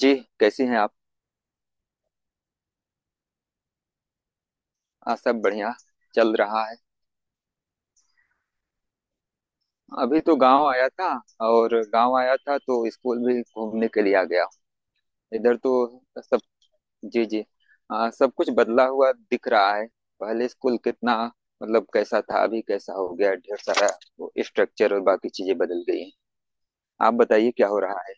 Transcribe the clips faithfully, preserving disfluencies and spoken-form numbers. जी। कैसी हैं आप। हाँ सब बढ़िया चल रहा है। अभी तो गांव आया था। और गांव आया था तो स्कूल भी घूमने के लिए आ गया। इधर तो सब। जी जी। हाँ, सब कुछ बदला हुआ दिख रहा है। पहले स्कूल कितना मतलब कैसा था, अभी कैसा हो गया ढेर सारा। वो स्ट्रक्चर और बाकी चीजें बदल गई हैं। आप बताइए क्या हो रहा है।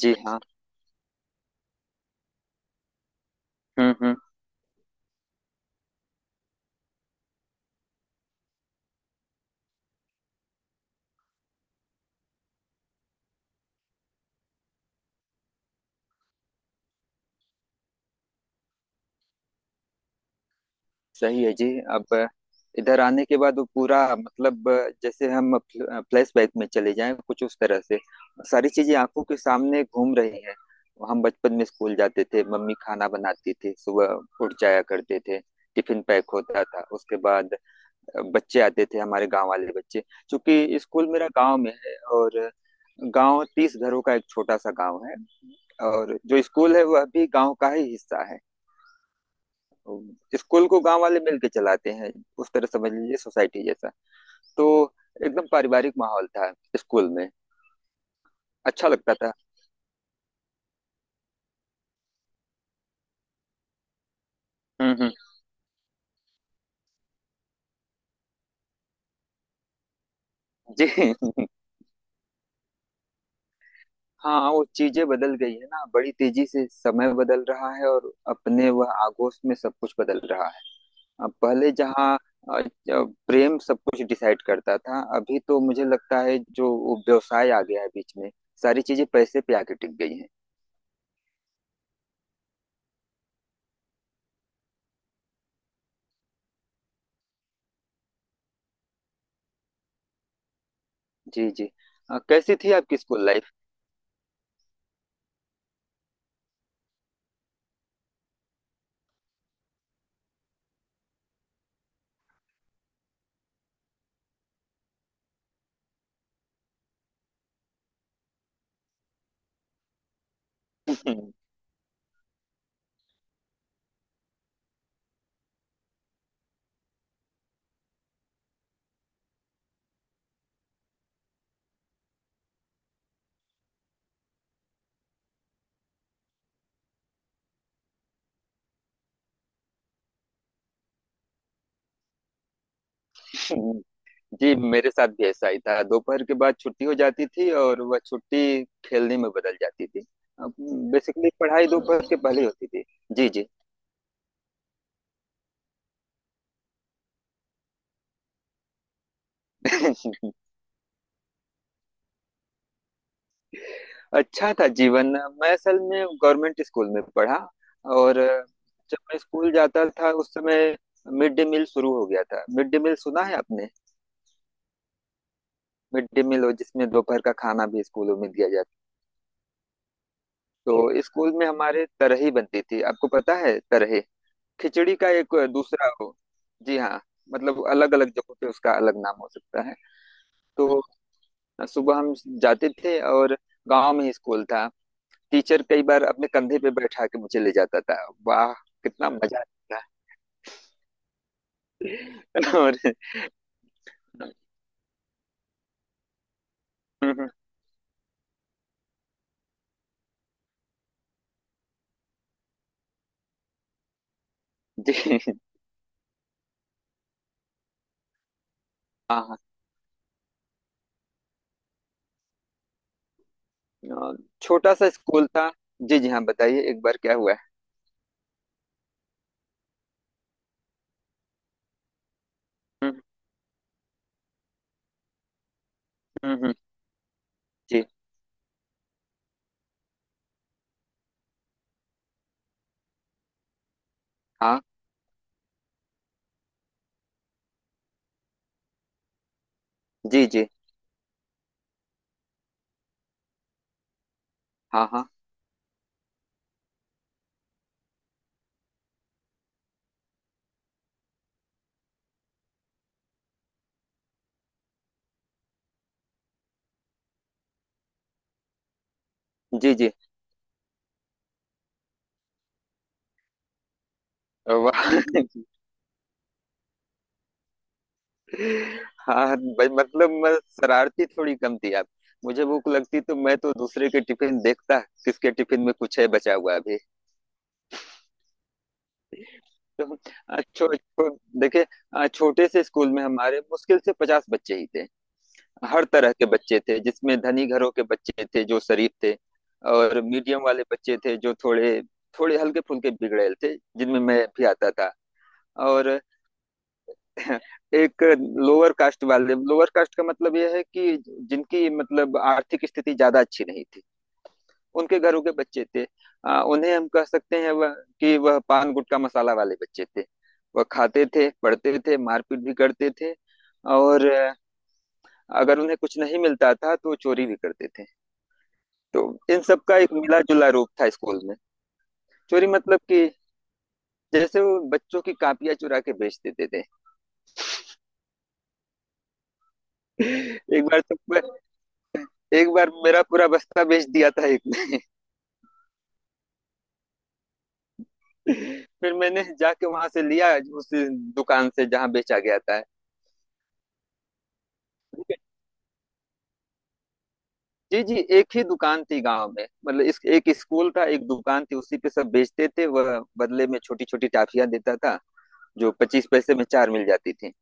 जी हाँ। हम्म हम्म। सही है जी। अब इधर आने के बाद वो पूरा मतलब जैसे हम फ्लैशबैक में चले जाएं, कुछ उस तरह से सारी चीजें आंखों के सामने घूम रही हैं। हम बचपन में स्कूल जाते थे, मम्मी खाना बनाती थी, सुबह उठ जाया करते थे। टिफिन पैक होता था। उसके बाद बच्चे आते थे, हमारे गांव वाले बच्चे, क्योंकि स्कूल मेरा गांव में है। और गांव तीस घरों का एक छोटा सा गांव है। और जो स्कूल है वह भी गांव का ही हिस्सा है। तो स्कूल को गांव वाले मिलके चलाते हैं। उस तरह समझ लीजिए, सोसाइटी जैसा। तो एकदम पारिवारिक माहौल था स्कूल में। अच्छा लगता था। हम्म हम्म। जी। हाँ, वो चीजें बदल गई है ना। बड़ी तेजी से समय बदल रहा है और अपने वह आगोश में सब कुछ बदल रहा है। अब पहले जहाँ अ, अ, प्रेम सब कुछ डिसाइड करता था, अभी तो मुझे लगता है जो वो व्यवसाय आ गया है बीच में। सारी चीजें पैसे पे आके टिक गई हैं। जी जी। अ, कैसी थी आपकी स्कूल लाइफ। जी मेरे साथ भी ऐसा ही था। दोपहर के बाद छुट्टी हो जाती थी और वह छुट्टी खेलने में बदल जाती थी। अब बेसिकली पढ़ाई दोपहर के पहले होती थी। जी जी। अच्छा था जीवन। मैं असल में गवर्नमेंट स्कूल में पढ़ा। और जब मैं स्कूल जाता था उस समय मिड डे मील शुरू हो गया था। मिड डे मील सुना है आपने। मिड डे मील हो जिसमें दोपहर का खाना भी स्कूलों में दिया जाता। तो स्कूल में हमारे तरही बनती थी। आपको पता है तरही खिचड़ी का एक दूसरा हो। जी हाँ। मतलब अलग अलग जगहों पे उसका अलग नाम हो सकता है। तो सुबह हम जाते थे और गांव में ही स्कूल था। टीचर कई बार अपने कंधे पे बैठा के मुझे ले जाता था। वाह। कितना मजा आता था। और जी। हाँ हाँ, छोटा सा स्कूल था। जी जी। हाँ बताइए एक बार क्या हुआ है। हम्म, हम्म, हम्म, जी। हाँ जी जी। हाँ हाँ। जी जी। वाह। हाँ भाई, मतलब मैं शरारती थोड़ी कम थी आप। मुझे भूख लगती तो मैं तो दूसरे के टिफिन देखता, किसके टिफिन में कुछ है बचा हुआ अभी। तो आ, छो, छो, देखिए। आ, छोटे से स्कूल में हमारे मुश्किल से पचास बच्चे ही थे। हर तरह के बच्चे थे, जिसमें धनी घरों के बच्चे थे जो शरीफ थे। और मीडियम वाले बच्चे थे जो थोड़े थोड़े हल्के फुल्के बिगड़ेल थे, जिनमें मैं भी आता था। और एक लोअर कास्ट वाले, लोअर कास्ट का मतलब यह है कि जिनकी मतलब आर्थिक स्थिति ज्यादा अच्छी नहीं थी, उनके घरों के बच्चे थे। आ, उन्हें हम कह सकते हैं वह कि वह पान गुटखा मसाला वाले बच्चे थे। वह खाते थे, पढ़ते थे, मारपीट भी करते थे। और अ, अगर उन्हें कुछ नहीं मिलता था तो चोरी भी करते थे। तो इन सब का एक मिला जुला रूप था स्कूल में। चोरी मतलब कि जैसे वो बच्चों की कापियां चुरा के बेच देते थे। एक बार तो एक बार मेरा पूरा बस्ता बेच दिया था एक ने। फिर मैंने जाके वहां से लिया, उस दुकान से जहाँ बेचा गया था। ठीक है। जी जी। एक ही दुकान थी गांव में, मतलब इस एक स्कूल था, एक दुकान थी, उसी पे सब बेचते थे। वह बदले में छोटी छोटी टाफियां देता था जो पच्चीस पैसे में चार मिल जाती थी।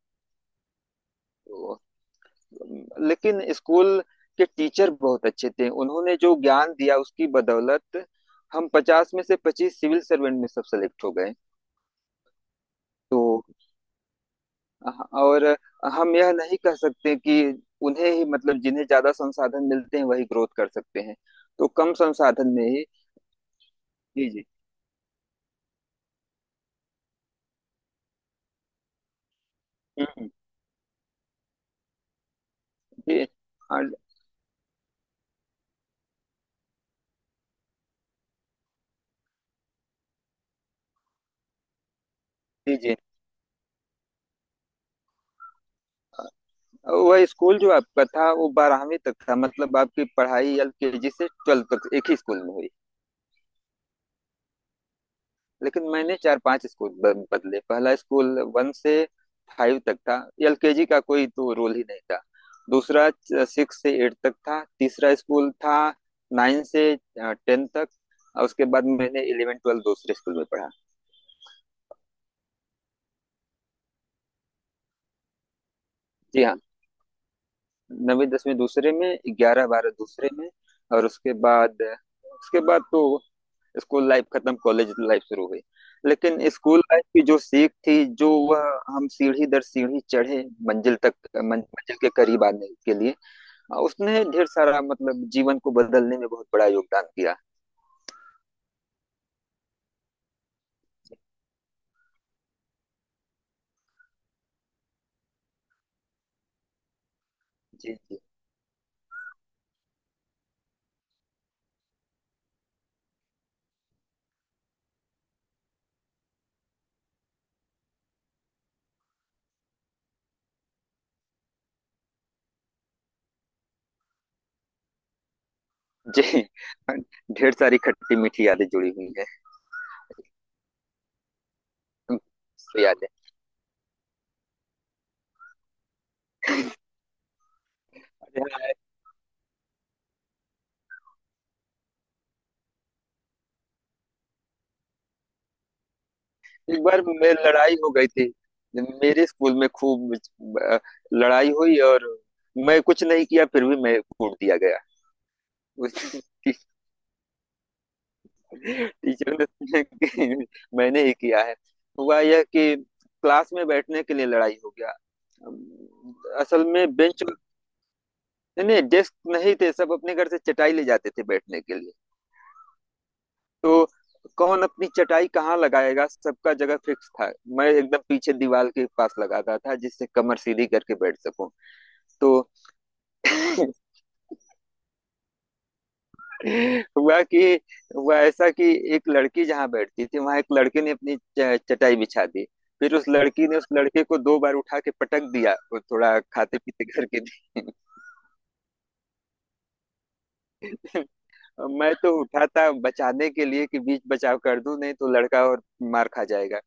तो, लेकिन स्कूल के टीचर बहुत अच्छे थे। उन्होंने जो ज्ञान दिया उसकी बदौलत हम पचास में से पच्चीस सिविल सर्वेंट में सब सेलेक्ट हो गए। तो हाँ, और हम यह नहीं कह सकते कि उन्हें ही मतलब जिन्हें ज्यादा संसाधन मिलते हैं वही ग्रोथ कर सकते हैं। तो कम संसाधन में ही। जी जी। हम्म, जी। हाँ जी जी। वह स्कूल जो आपका था वो बारहवीं तक था, मतलब आपकी पढ़ाई एलकेजी से ट्वेल्थ तक एक ही स्कूल में हुई। लेकिन मैंने चार पांच स्कूल ब- बदले। पहला स्कूल वन से फाइव तक था। एलकेजी का कोई तो रोल ही नहीं था। दूसरा सिक्स से एट तक था। तीसरा स्कूल था नाइन से टेन तक। और उसके बाद मैंने इलेवन ट्वेल्व दूसरे स्कूल में पढ़ा। जी हाँ। नवीं दसवीं दूसरे में, ग्यारह बारह दूसरे में। और उसके बाद उसके बाद तो स्कूल लाइफ खत्म, कॉलेज लाइफ शुरू हुई। लेकिन स्कूल लाइफ की जो सीख थी, जो वह हम सीढ़ी दर सीढ़ी चढ़े मंजिल तक मं- मंजिल के करीब आने के लिए, अ, उसने ढेर सारा मतलब जीवन को बदलने में बहुत बड़ा योगदान दिया। जी जी। जी। ढेर सारी खट्टी मीठी यादें जुड़ी हुई हैं। एकदम से यादें। अरे हाँ, एक बार मेरी लड़ाई हो गई थी मेरे स्कूल में खूब। अ, लड़ाई हुई और मैं कुछ नहीं किया फिर भी मैं कूट दिया गया। टीचर ने कि मैंने ही किया है। हुआ यह कि क्लास में बैठने के लिए लड़ाई हो गया। अम, असल में बेंच, नहीं नहीं डेस्क नहीं थे, सब अपने घर से चटाई ले जाते थे बैठने के लिए। तो कौन अपनी चटाई कहाँ लगाएगा, सबका जगह फिक्स था। मैं एकदम पीछे दीवार के पास लगाता था जिससे कमर सीधी करके बैठ सकूं। तो हुआ कि हुआ ऐसा कि एक लड़की जहाँ बैठती थी वहां एक लड़के ने अपनी च- चटाई बिछा दी। फिर उस लड़की ने उस लड़के को दो बार उठा के पटक दिया। वो थोड़ा खाते पीते करके थे। मैं तो उठा था बचाने के लिए कि बीच बचाव कर दूं, नहीं तो लड़का और मार खा जाएगा।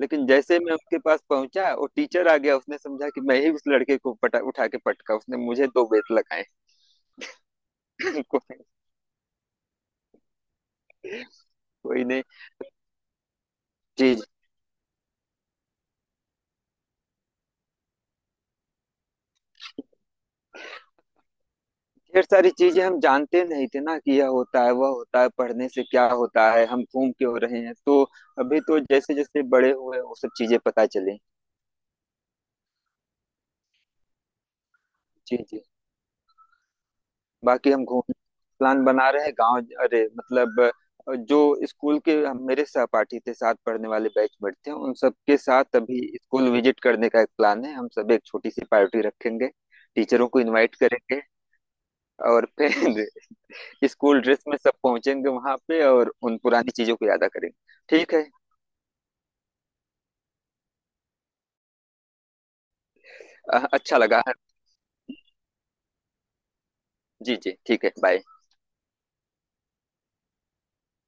लेकिन जैसे मैं उसके पास पहुंचा वो टीचर आ गया, उसने समझा कि मैं ही उस लड़के को पटा उठा के पटका। उसने मुझे दो बेत लगाए। को, कोई नहीं। जी। ढेर सारी चीजें हम जानते नहीं थे ना कि यह होता है वह होता है, पढ़ने से क्या होता है, हम घूम क्यों रहे हैं। तो अभी तो जैसे जैसे बड़े हुए वो सब चीजें पता चले। जी जी। बाकी हम घूम प्लान बना रहे हैं गांव। अरे मतलब अ, जो स्कूल के हम- मेरे सहपाठी थे, साथ पढ़ने वाले बैचमेट थे, उन सबके साथ अभी स्कूल विजिट करने का एक प्लान है। हम सब एक छोटी सी पार्टी रखेंगे, टीचरों को इनवाइट करेंगे। और फिर स्कूल ड्रेस में सब पहुंचेंगे वहां पे और उन पुरानी चीजों को यादा करेंगे। ठीक है। अ, अच्छा लगा। जी जी ठीक है बाय।